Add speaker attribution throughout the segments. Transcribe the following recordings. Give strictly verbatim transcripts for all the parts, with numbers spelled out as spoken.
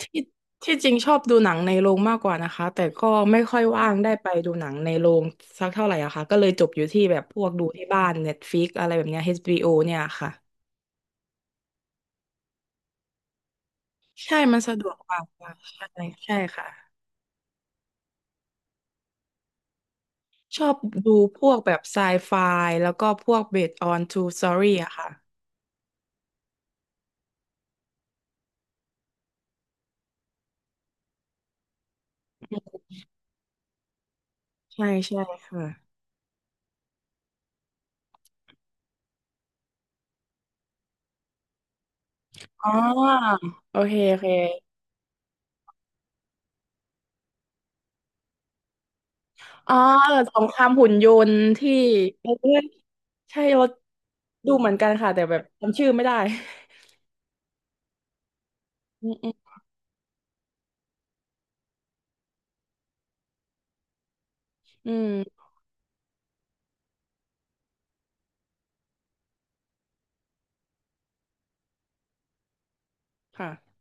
Speaker 1: ที่ที่จริงชอบดูหนังในโรงมากกว่านะคะแต่ก็ไม่ค่อยว่างได้ไปดูหนังในโรงสักเท่าไหร่อะค่ะก็เลยจบอยู่ที่แบบพวกดูที่บ้าน Netflix อะไรแบบเนี้ย เอช บี โอ เนี่ยค่ะใช่มันสะดวกกว่าค่ะใช่ใช่ค่ะชอบดูพวกแบบไซไฟแล้วก็พวก based on true story อะค่ะใช่ใช่ค่ะอ๋อโอเคโอเคอ๋อเออสงครามหุ่นยนต์ที่เออใช่เราดูเหมือนกันค่ะแต่แบบจำชื่อไม่ได้ อืมอืมอืม ค่ะ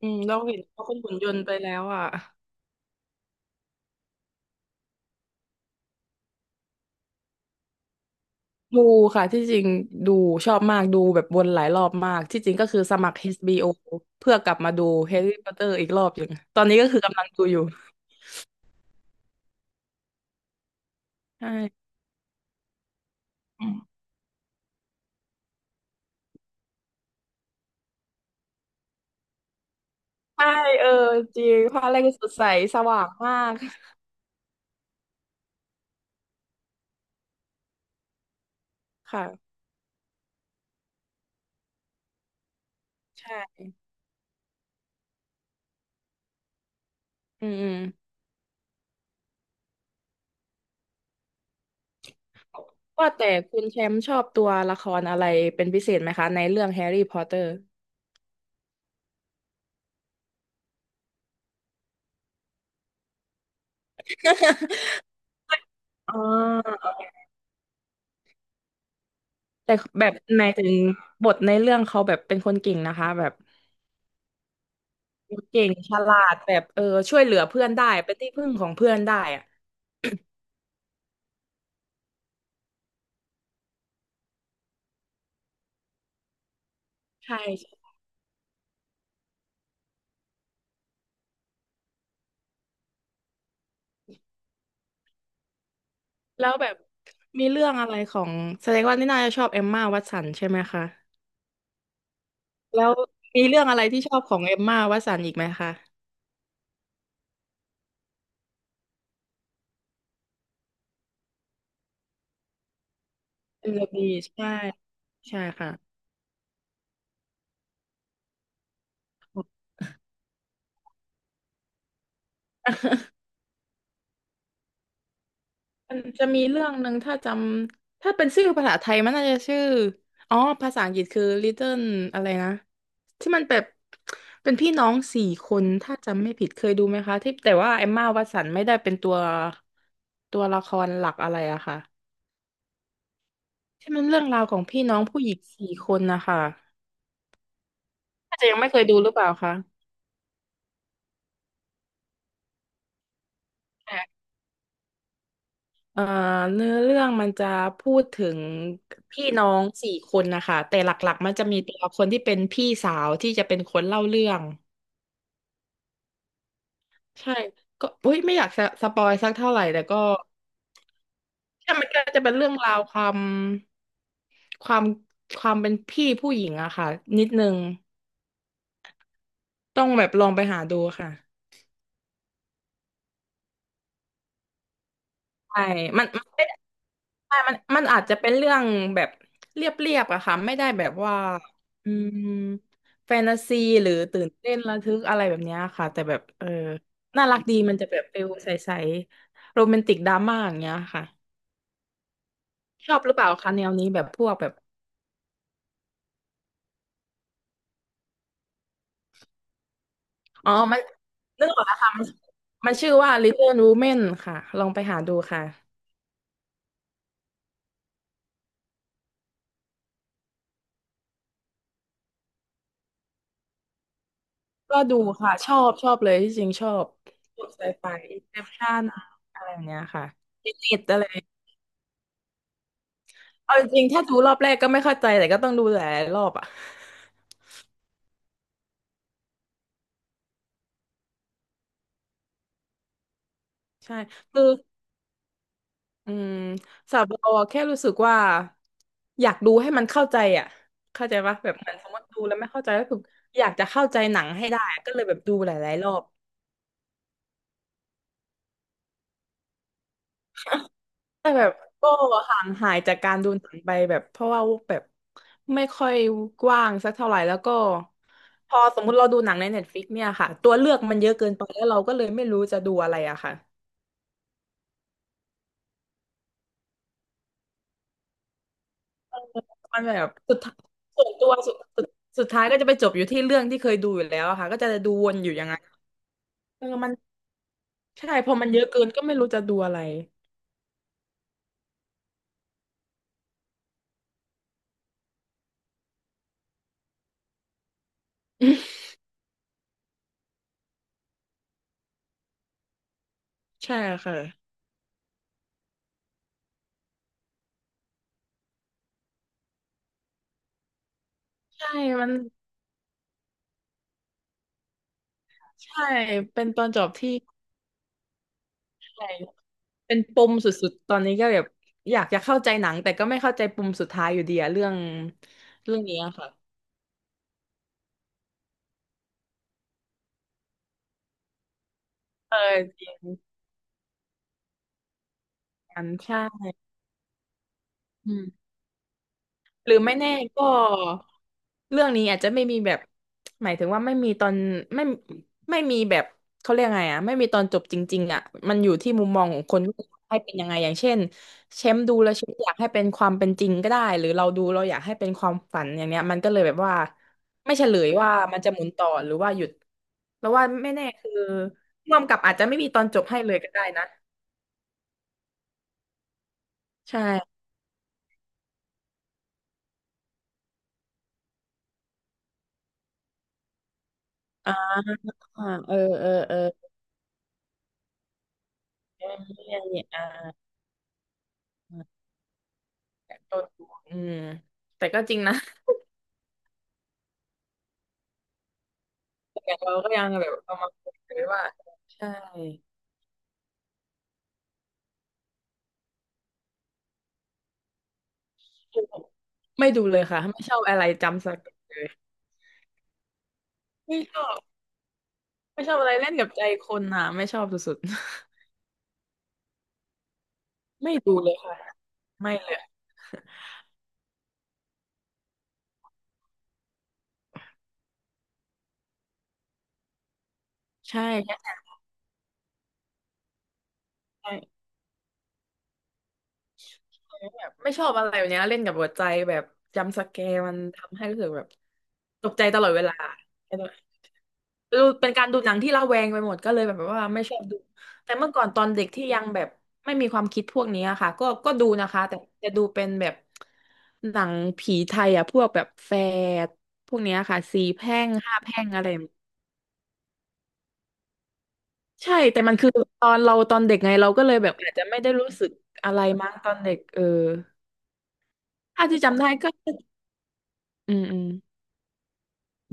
Speaker 1: อืมเราเห็นเขาเป็นหุ่นยนต์ไปแล้วอ่ะดูค่ะที่จริงดูชอบมากดูแบบวนหลายรอบมากที่จริงก็คือสมัคร เอช บี โอ เพื่อกลับมาดูแฮร์รี่พอตเตอร์อีกรอบอย่างตอนนี้ก็คือกำลังดูอยู่ใช่อืมใช่เออจริงภาคแรกก็สดใสสว่างมากค่ะใช่อืมอืมว่าแต่คุณแชมป์ชอบตัวละครอะไรเป็นพิเศษไหมคะในเรื่องแฮร์รี่พอตเตอร์ อ๋อ แต่แบบหมายถึงบทในเรื่องเขาแบบเป็นคนเก่งนะคะแบบเก่งฉลาดแบบเออช่วยเหลือเพื่อนได้เป็นที่พึ่งของเพื่อนได้อะใช่แล้วแบบมีเรื่องอะไรของแสดงว่านี่น่าจะชอบเอมม่าวัตสันใช่ไหมคะแล้วมีเรื่องอะไรที่ชอบของเอมม่าวัตสันอีกไหมคะเอ็มบีใช่ใช่ค่ะ มันจะมีเรื่องหนึ่งถ้าจำถ้าเป็นชื่อภาษาไทยมันน่าจะชื่ออ๋อภาษาอังกฤษคือ Little อะไรนะที่มันแบบเป็นพี่น้องสี่คนถ้าจำไม่ผิดเคยดูไหมคะที่แต่ว่าเอมม่าวัตสันไม่ได้เป็นตัวตัวละครหลักอะไรอะค่ะที่มันเรื่องราวของพี่น้องผู้หญิงสี่คนนะคะอาจจะยังไม่เคยดูหรือเปล่าคะ เอ่อเนื้อเรื่องมันจะพูดถึงพี่น้องสี่คนนะคะแต่หลักๆมันจะมีตัวละคนที่เป็นพี่สาวที่จะเป็นคนเล่าเรื่องใช่ก็อุ้ยไม่อยากสะสปอยสักเท่าไหร่แต่ก็ใช่มันก็จะเป็นเรื่องราวความความความเป็นพี่ผู้หญิงอะค่ะนิดนึงต้องแบบลองไปหาดูค่ะ ใช่มันมันไม่ได้ใช่มันมันอาจจะเป็นเรื่องแบบเรียบๆอะค่ะ ไม่ได้แบบว่าอืมแฟนตาซีหรือตื่นเต้นระทึกอะไรแบบเนี้ยค่ะ แต่แบบเออน่ารักดีมันจะแบบฟิลใสๆโรแมนติกดราม่าอย่างเงี้ยค่ะ ชอบหรือเปล่าคะแนวนี้แบบพวกแบบ อ๋อมันนึกออกแล้วค่ะมันมันชื่อว่า Little Women ค่ะ ลองไปหาดูค่ะ ก็ดูค่ะ ชอบชอบเลยที่จริงชอบพวกไซไฟอินเซปชั่นอะไรอย่างเงี้ยค่ะฟินิตอะไร เอาจริงๆถ้าดูรอบแรกก็ไม่เข้าใจแต่ก็ต้องดูหลายรอบอ่ะใช่คืออืมสาวเราอะแค่รู้สึกว่าอยากดูให้มันเข้าใจอ่ะเข้าใจปะแบบเหมือนสมมติดูแล้วไม่เข้าใจก็คืออยากจะเข้าใจหนังให้ได้อะก็เลยแบบดูหลายๆรอบแต่แบบก็ห่างหายจากการดูหนังไปแบบเพราะว่าแบบไม่ค่อยว่างสักเท่าไหร่แล้วก็พอสมมุติเราดูหนังใน Netflix เนี่ยค่ะตัวเลือกมันเยอะเกินไปแล้วเราก็เลยไม่รู้จะดูอะไรอะค่ะ มันแบบสุดท้ายส่วนตัวสุดสุดสุดท้ายก็จะไปจบอยู่ที่เรื่องที่เคยดูอยู่แล้วอะค่ะก็จะดูวนอยู่อย่างนั้นเออมันใช่พอมันเยอะเกินก็ไม่รู้จะดูอะไร ใช่ค่ะใช่มันใช่เป็นตอนจบที่อะไรเป็นปมสุดๆตอนนี้ก็แบบอยากจะเข้าใจหนังแต่ก็ไม่เข้าใจปมสุดท้ายอยู่ดีอะเรื่องเรื่องนี้อะค่ะเออจริงอันใช่อืม หรือไม่แน่ก็เรื่องนี้อาจจะไม่มีแบบหมายถึงว่าไม่มีตอนไม่ไม่มีแบบเขาเรียกไงอ่ะไม่มีตอนจบจริงๆอ่ะมันอยู่ที่มุมมองของคนว่าให้เป็นยังไงอย่างเช่นเชมป์ดูแล้วเชมป์อยากให้เป็นความเป็นจริงก็ได้หรือเราดูเราอยากให้เป็นความฝันอย่างเนี้ยมันก็เลยแบบว่าไม่เฉลยว่ามันจะหมุนต่อหรือว่าหยุดแล้วว่าไม่แน่คือร่วมกับอาจจะไม่มีตอนจบให้เลยก็ได้นะใช่อ่าเออเออเออเนี่ยเนี่ยอ่า โดนดูอืมแต่ก็จริงนะ อย่างเราก็ยังแบบเอามาคุยกันว่าใช่ไม่ดูเลยค่ะไม่ชอบอะไรจำสักอย่างเลยไม่ชอบไม่ชอบอะไรเล่นกับใจคนอ่ะไม่ชอบสุดๆ ไม่ดูเลยค่ะไม่เลยใช่ใช่ใช่แบบไม่ชอบอะไรแบบเนี้ยเล่นกับหัวใจแบบจำสแกร์มันทำให้รู้สึกแบบตกใจตลอดเวลา ดูเป็นการดูหนังที่ระแวงไปหมดก็เลยแบบว่าไม่ชอบดูแต่เมื่อก่อนตอนเด็กที่ยังแบบไม่มีความคิดพวกนี้อะค่ะก็ก็ดูนะคะแต่จะดูเป็นแบบหนังผีไทยอ่ะพวกแบบแฝดพวกเนี้ยค่ะสี่แพร่งห้าแพร่งอะไรแบบนี้ใช่แต่มันคือตอนเราตอนเด็กไงเราก็เลยแบบอาจจะไม่ได้รู้สึกอะไรมั้งตอนเด็กเออถ้าที่จำได้ก็อืมอืม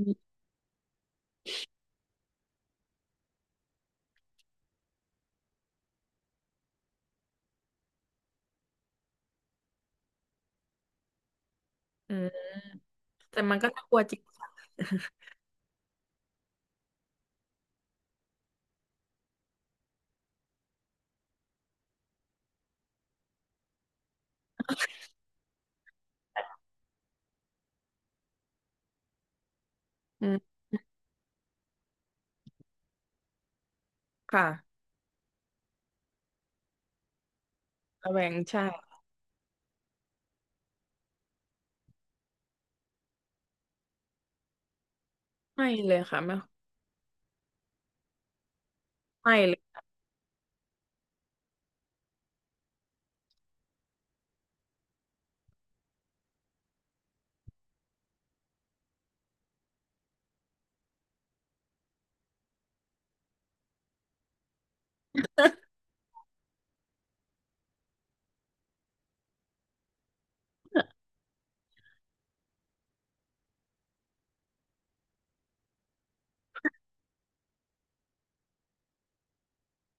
Speaker 1: อืมอืมแต่มันก็น่ากลัวจริงค่ะ อืมค่ะระแวงใช่ไม่เลยค่ะไม่ไม่เลย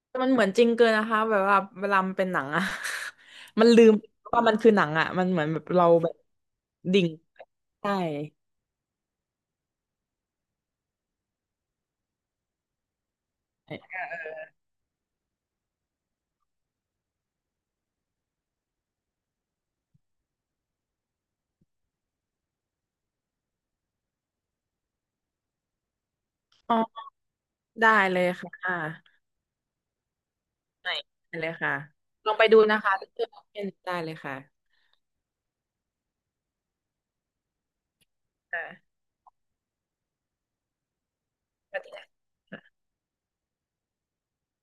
Speaker 1: แต่มันเหมือนจริงเกินนะคะแบบว่าเวลามันเป็นหนังอะ มันลืมว่ามันคือหนังอะมันเหมือนแบบเราแบบดิ่งใช่อ๋อได้เลยค่ะไหนได้เลยค่ะลองไปดูนะคะเลือกเป็นได้เลยค่ะค่ะสวัสดีค่ะ